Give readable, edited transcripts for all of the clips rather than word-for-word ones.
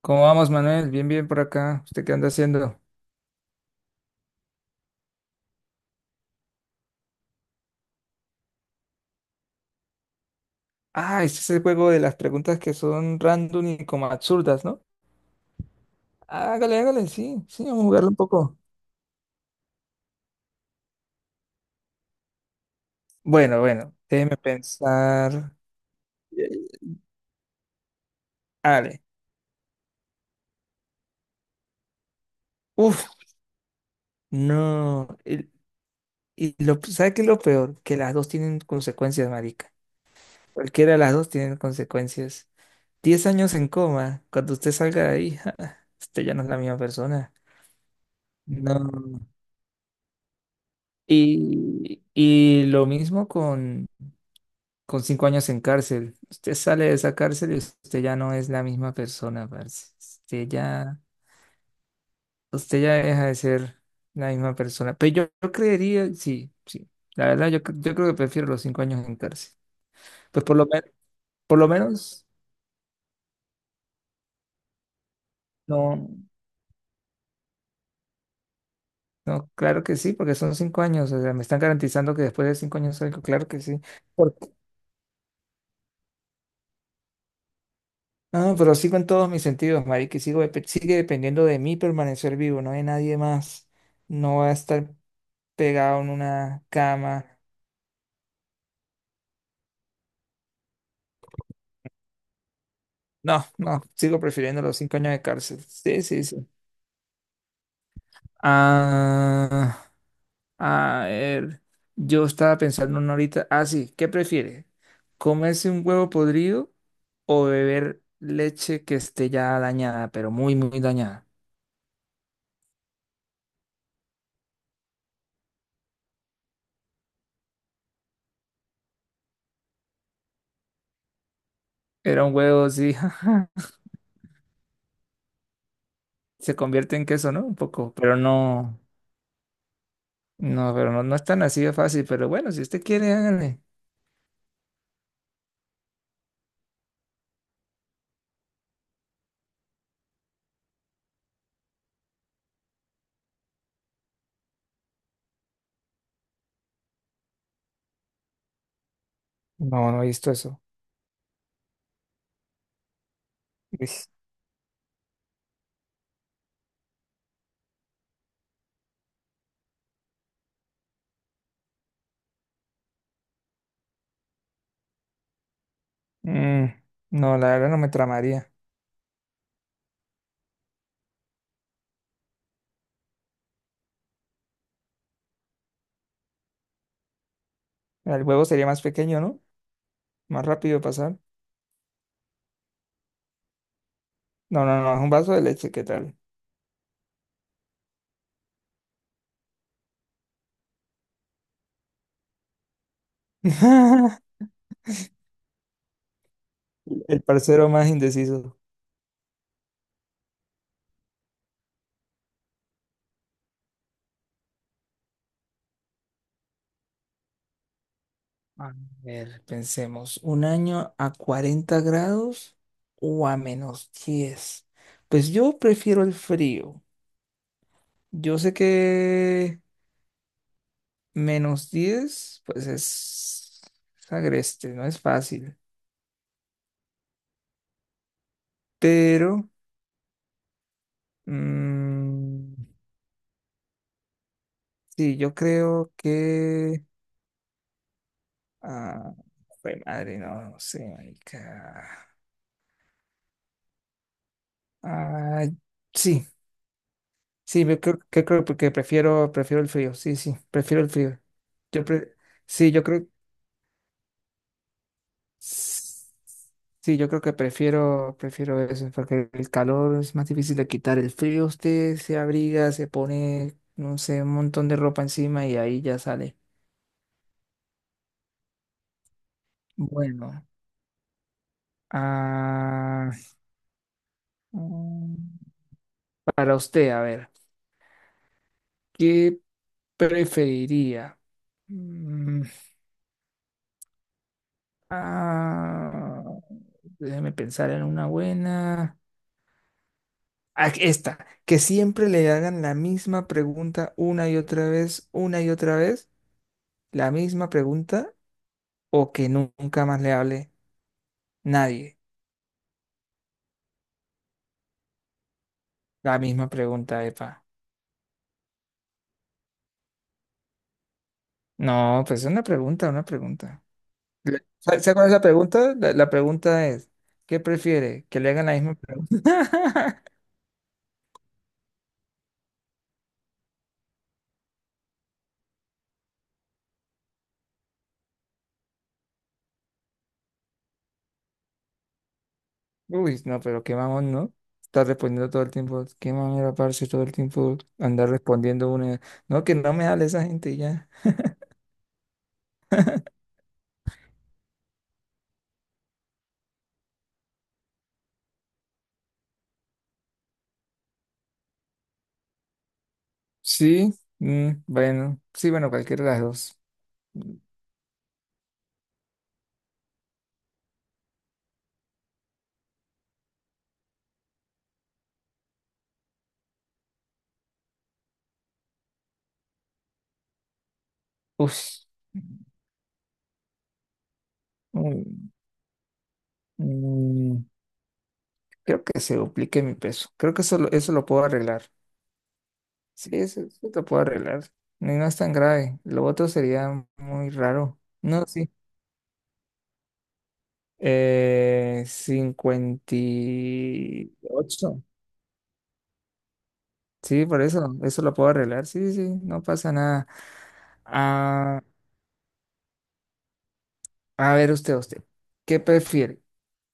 ¿Cómo vamos, Manuel? Bien, bien por acá. ¿Usted qué anda haciendo? Ah, este es ese juego de las preguntas que son random y como absurdas, ¿no? Hágale, hágale, sí, sí, vamos a jugarlo un poco. Bueno, bueno, déjeme pensar. Hágale. Uf, no. Y, ¿sabe qué es lo peor? Que las dos tienen consecuencias, marica. Cualquiera de las dos tienen consecuencias. 10 años en coma, cuando usted salga de ahí, usted ya no es la misma persona. No. Y lo mismo con 5 años en cárcel. Usted sale de esa cárcel y usted ya no es la misma persona, parce. Usted ya deja de ser la misma persona. Pero yo creería, sí, sí. La verdad, yo creo que prefiero los 5 años en cárcel. Pues por lo menos, no, no, claro que sí, porque son 5 años. O sea, me están garantizando que después de 5 años salgo, claro que sí. No, pero sigo en todos mis sentidos, marica, y sigue dependiendo de mí permanecer vivo, no hay nadie más. No va a estar pegado en una cama. No, no, sigo prefiriendo los 5 años de cárcel. Sí, sí, sí. Ah, a ver, yo estaba pensando en una ahorita. Ah, sí, ¿qué prefiere? ¿Comerse un huevo podrido o beber leche que esté ya dañada, pero muy, muy dañada? Era un huevo, sí. Se convierte en queso, ¿no? Un poco, pero no. No, pero no, no es tan así de fácil, pero bueno, si usted quiere, hágale. No, no he visto eso. Uis. Mm, no, la verdad no me tramaría. El huevo sería más pequeño, ¿no? Más rápido pasar. No, no, no, es un vaso de leche, ¿qué tal? El parcero más indeciso. A ver, pensemos, ¿un año a 40 grados o a -10? Pues yo prefiero el frío. Yo sé que -10 pues es agreste, no es fácil. Pero, mm, sí, yo creo que... Ah, jue madre, no, no sé, marica. Ah, sí, sí, yo creo que creo porque prefiero el frío, sí, sí, prefiero el frío. Yo pre- sí, yo creo, sí, yo creo que prefiero eso, porque el calor es más difícil de quitar. El frío usted se abriga, se pone, no sé, un montón de ropa encima y ahí ya sale. Bueno, ah, mm, para usted, a ver, ¿qué preferiría? Mm, ah, Déjeme pensar en una buena. Ah, esta, que siempre le hagan la misma pregunta una y otra vez, una y otra vez, la misma pregunta, o que nunca más le hable nadie. La misma pregunta, epa. No, pues es una pregunta, una pregunta. ¿Sabe cuál es la pregunta? La pregunta es, ¿qué prefiere? ¿Que le hagan la misma pregunta? Uy, no, pero qué mamón, ¿no? Estar respondiendo todo el tiempo. Qué mamera, parce, todo el tiempo andar respondiendo una. No, que no me hable esa gente y ya. Sí, mm, bueno. Sí, bueno, cualquiera de las dos. Uf. Mm, mm. Creo que se duplique mi peso. Creo que eso lo puedo arreglar. Sí, eso lo puedo arreglar. No, no es tan grave. Lo otro sería muy raro. No, sí. 58. Sí, por eso. Eso lo puedo arreglar. Sí, sí, no pasa nada. Ah, a ver usted. ¿Qué prefiere?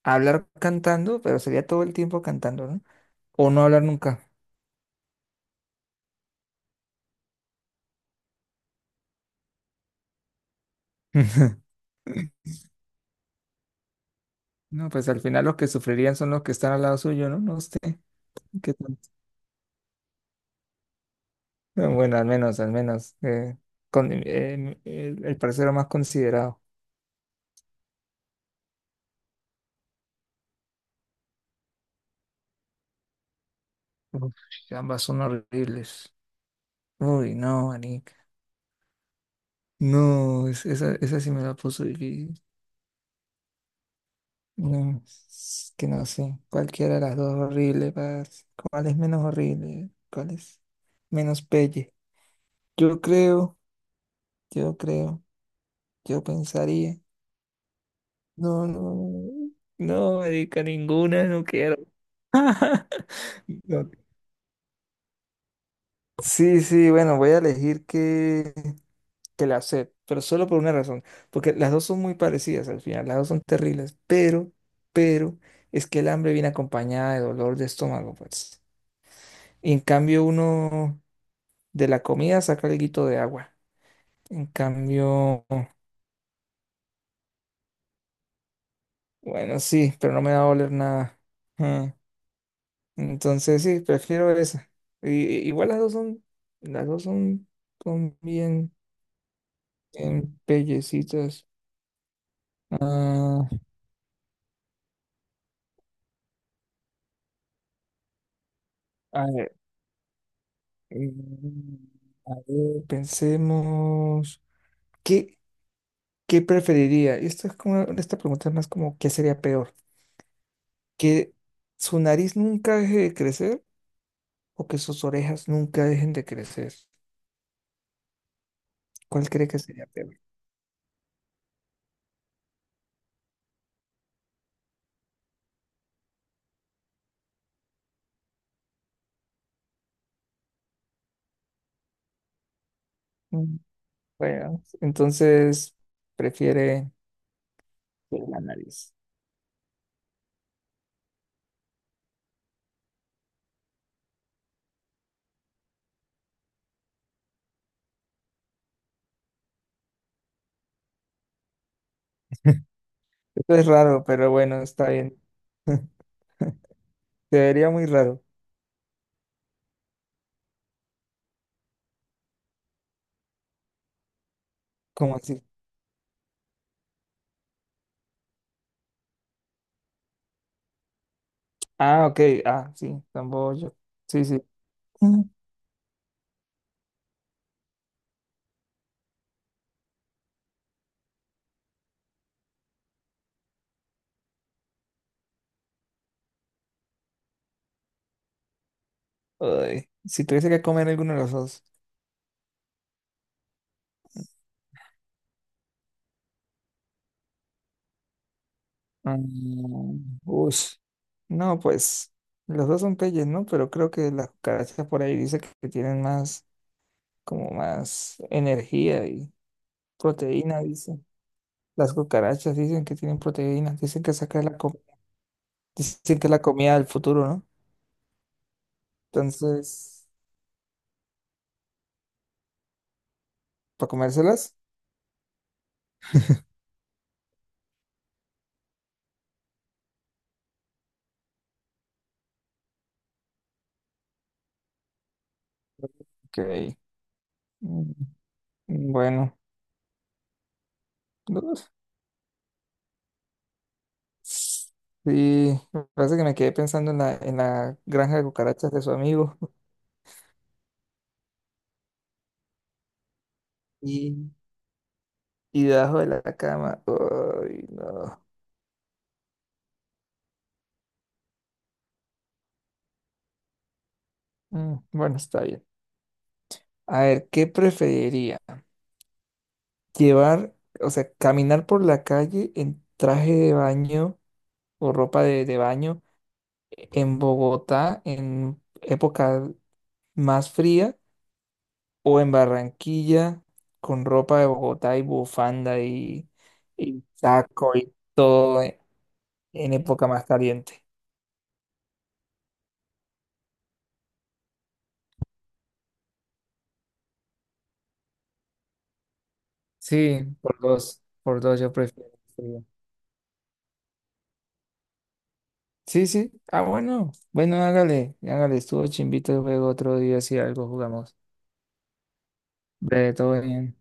¿Hablar cantando, pero sería todo el tiempo cantando, no? ¿O no hablar nunca? No, pues al final los que sufrirían son los que están al lado suyo, ¿no? No usted. ¿Qué tal? No, bueno, al menos, al menos, con, el parcero más considerado. Uf, ambas son horribles. Uy, no, manica. No, esa sí me la puso difícil. No, es que no sé. Cualquiera de las dos horrible, parce. ¿Cuál es menos horrible? ¿Cuál es menos pelle? Yo creo, yo creo, yo pensaría. No, no, no, marica, ninguna, no quiero. No. Sí, sí, bueno, voy a elegir que la sed, pero solo por una razón, porque las dos son muy parecidas al final, las dos son terribles, pero, es que el hambre viene acompañada de dolor de estómago, pues. Y en cambio uno de la comida saca el guito de agua. En cambio, bueno, sí, pero no me va a oler nada. Mm, Entonces, sí, prefiero esa. Igual las dos son, son bien, bien pellecitas. Ah, a ver, mm, a ver, pensemos, ¿qué, qué preferiría? Y esto es como, esta pregunta es más como, ¿qué sería peor? ¿Que su nariz nunca deje de crecer o que sus orejas nunca dejen de crecer? ¿Cuál cree que sería peor? Mm, bueno, entonces prefiere la nariz. Esto es raro, pero bueno, está bien. Se vería muy raro, como así. Ah, ok, sí, tampoco yo. Sí, sí. Ay, si tuviese que comer alguno de los dos. Mm, ush. No, pues los dos son peyes, ¿no? Pero creo que las cucarachas por ahí dice que tienen más, como más energía y proteína, dicen. Las cucarachas dicen que tienen proteínas, dicen que es la comida del futuro, ¿no? Entonces, ¿para comérselas? Ok. Mm, bueno. Uf. Sí, me parece que me quedé pensando en la, granja de cucarachas de su amigo. Y, y debajo de la cama. Ay, no. Mm, bueno, está bien. A ver, ¿qué preferiría? Llevar, o sea, caminar por la calle en traje de baño o ropa de baño en Bogotá en época más fría o en Barranquilla con ropa de Bogotá y bufanda y saco y todo en, época más caliente. Sí, por dos yo prefiero. Sí, sí. Ah, bueno. Bueno, hágale, hágale. Estuvo chimbito el juego. Otro día si algo jugamos. Breve, todo bien.